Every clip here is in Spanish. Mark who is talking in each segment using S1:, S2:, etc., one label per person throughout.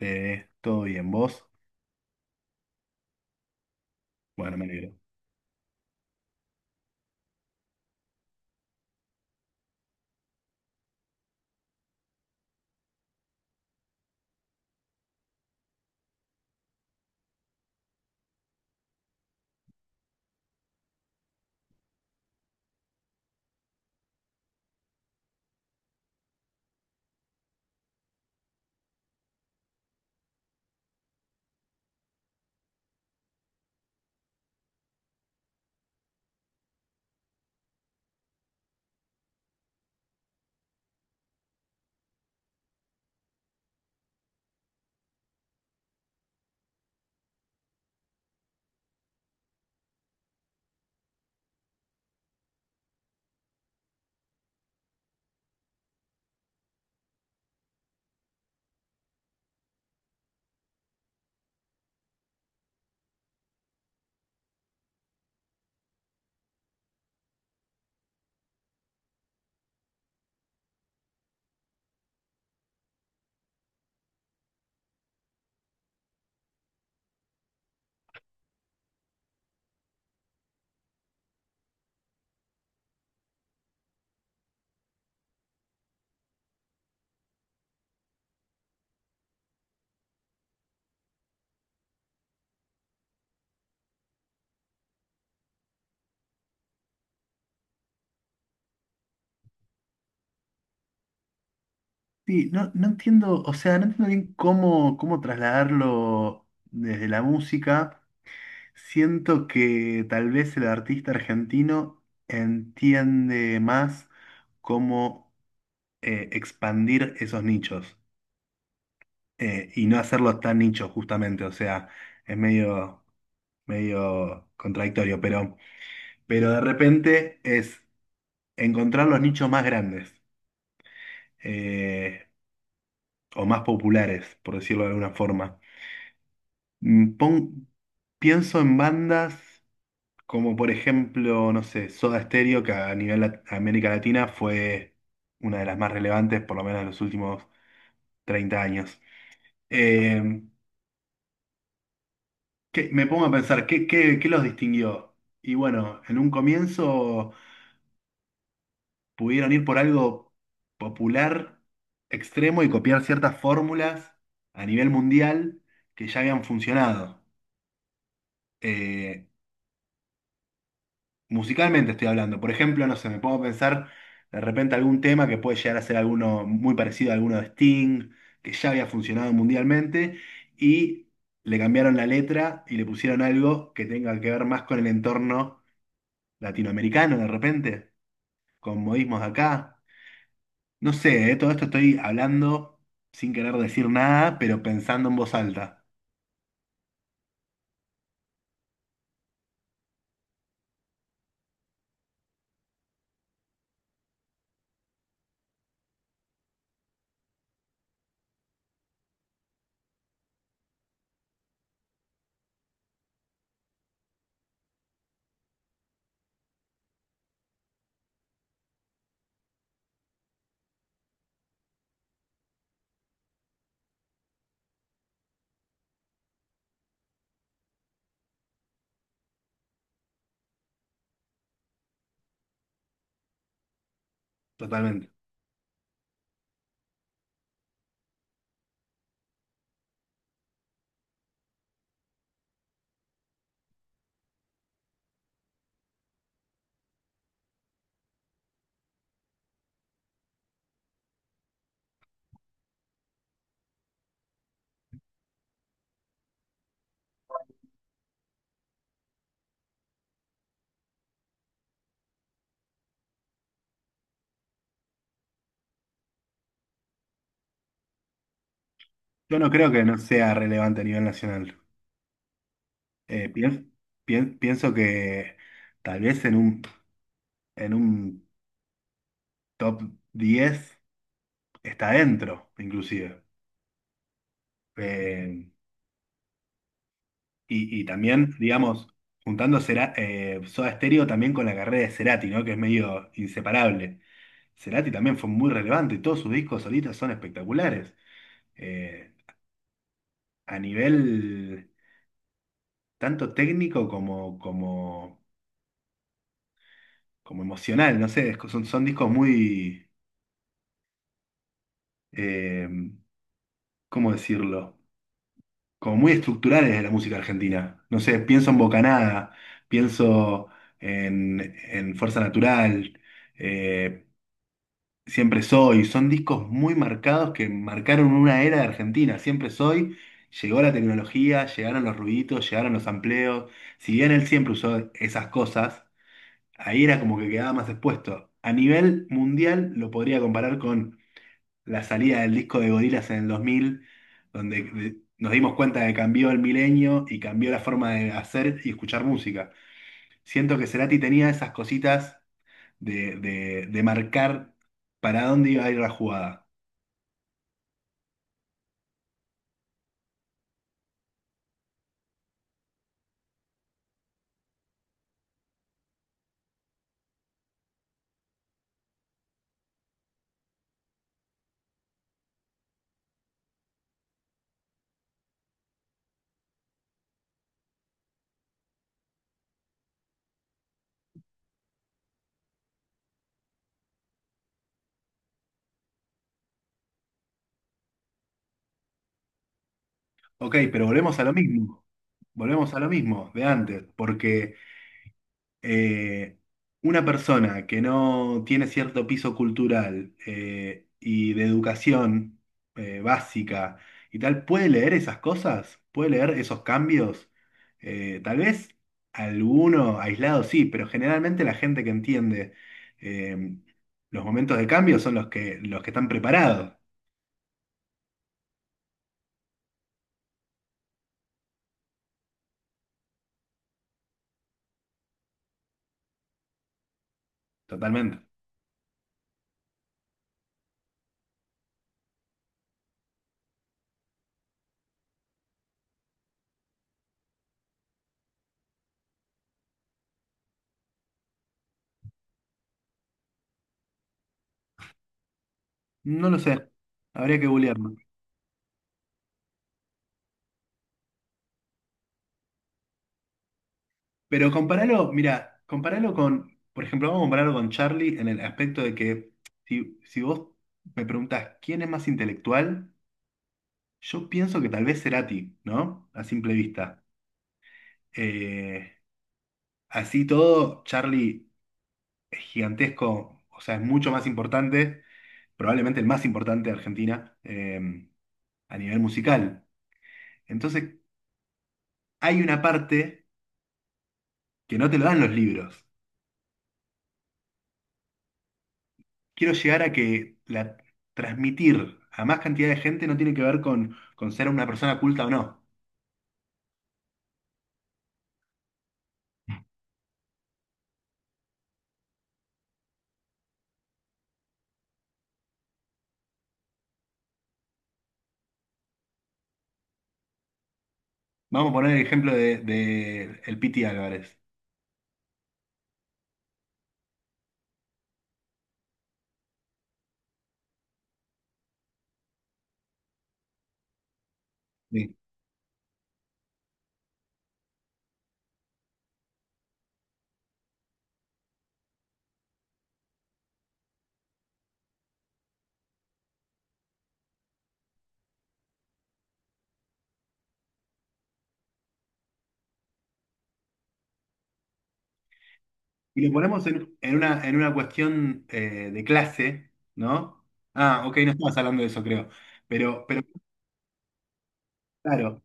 S1: ¿Todo bien vos? Bueno, me alegro. Sí, no, no entiendo, o sea, no entiendo bien cómo trasladarlo desde la música. Siento que tal vez el artista argentino entiende más cómo expandir esos nichos y no hacerlos tan nichos justamente, o sea, es medio contradictorio, pero de repente es encontrar los nichos más grandes. Eh, o más populares, por decirlo de alguna forma. Mm, pon- Pienso en bandas como por ejemplo, no sé, Soda Stereo, que a nivel América Latina fue una de las más relevantes, por lo menos en los últimos 30 años. Eh, Me pongo a pensar, ¿qué, qué, qué los distinguió? Y bueno, en un comienzo pudieron ir por algo popular, extremo y copiar ciertas fórmulas a nivel mundial que ya habían funcionado. Eh, Musicalmente estoy hablando. Por ejemplo, no sé, me pongo a pensar de repente algún tema que puede llegar a ser alguno muy parecido a alguno de Sting, que ya había funcionado mundialmente, y le cambiaron la letra y le pusieron algo que tenga que ver más con el entorno latinoamericano de repente, con modismos de acá. No sé, todo esto estoy hablando sin querer decir nada, pero pensando en voz alta, totalmente. Yo no creo que no sea relevante a nivel nacional. Eh, pien- Pienso que... Tal vez en un top 10 está dentro, inclusive. Eh, y, y también, digamos, juntando Soda Stereo también con la carrera de Cerati, ¿no? Que es medio inseparable. Cerati también fue muy relevante, todos sus discos solistas son espectaculares. Eh, a nivel tanto técnico como emocional, no sé, son discos muy, eh, ¿cómo decirlo? Como muy estructurales de la música argentina. No sé, pienso en Bocanada, pienso en, en Fuerza Natural, eh, Siempre Soy. Son discos muy marcados que marcaron una era de Argentina. Siempre Soy, llegó la tecnología, llegaron los ruiditos, llegaron los amplios. Si bien él siempre usó esas cosas, ahí era como que quedaba más expuesto. A nivel mundial lo podría comparar con la salida del disco de Gorillaz en el 2000 donde nos dimos cuenta de que cambió el milenio y cambió la forma de hacer y escuchar música. Siento que Cerati tenía esas cositas de marcar para dónde iba a ir la jugada. Ok, pero volvemos a lo mismo. Volvemos a lo mismo de antes, porque eh, una persona que no tiene cierto piso cultural y de educación básica y tal, ¿puede leer esas cosas? ¿Puede leer esos cambios? Tal vez alguno aislado sí, pero generalmente la gente que entiende eh, los momentos de cambio son los que están preparados, totalmente. No lo sé, habría que googlear. Pero compáralo, mira, compáralo con, por ejemplo, vamos a compararlo con Charlie en el aspecto de que si vos me preguntás quién es más intelectual, yo pienso que tal vez Cerati, ¿no? A simple vista. Eh, Así todo, Charlie es gigantesco, o sea, es mucho más importante, probablemente el más importante de Argentina a nivel musical. Entonces, hay una parte que no te lo dan los libros. Quiero llegar a que transmitir a más cantidad de gente no tiene que ver con ser una persona culta o no. Vamos a poner el ejemplo de el Piti Álvarez. Sí. Y lo ponemos en una cuestión de clase, ¿no? Ah, ok, no estabas hablando de eso, creo. Pero claro,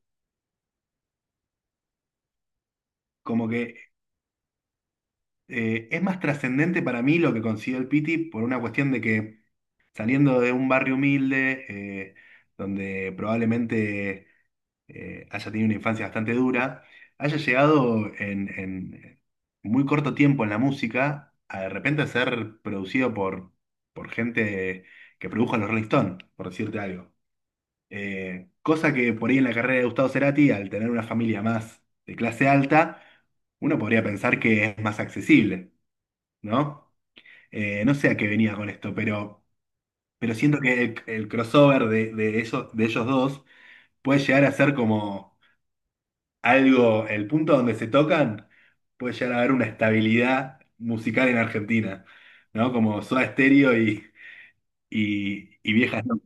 S1: como que es más trascendente para mí lo que consiguió el Piti por una cuestión de que saliendo de un barrio humilde, eh, donde probablemente haya tenido una infancia bastante dura, haya llegado en muy corto tiempo en la música a de repente ser producido por gente que produjo a los Rolling Stones, por decirte algo. Cosa que por ahí en la carrera de Gustavo Cerati, al tener una familia más de clase alta, uno podría pensar que es más accesible, ¿no? No sé a qué venía con esto, pero siento que el crossover de ellos dos puede llegar a ser como algo, el punto donde se tocan puede llegar a haber una estabilidad musical en Argentina, ¿no? Como Soda Stereo y Viejas no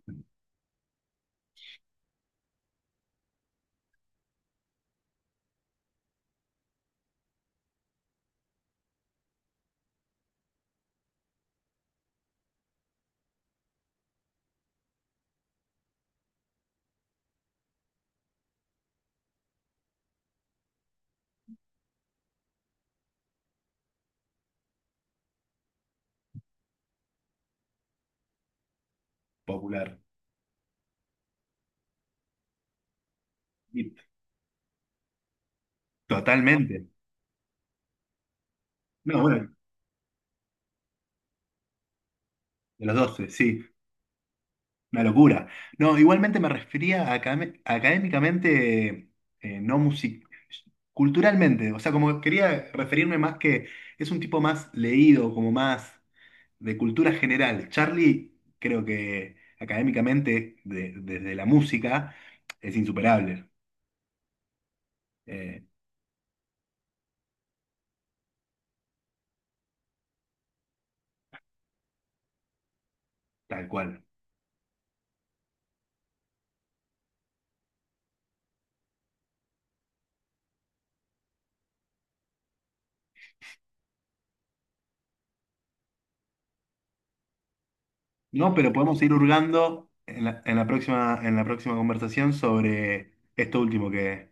S1: popular. Y totalmente. No, bueno, de los 12, sí, una locura. No, igualmente me refería a académicamente, no music culturalmente, o sea, como quería referirme más que es un tipo más leído, como más de cultura general. Charlie, creo que académicamente, desde la música, es insuperable, eh, tal cual. No, pero podemos ir hurgando en en la próxima conversación sobre esto último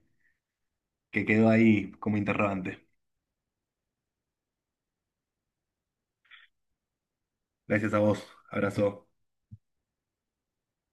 S1: que quedó ahí como interrogante. Gracias a vos. Abrazo.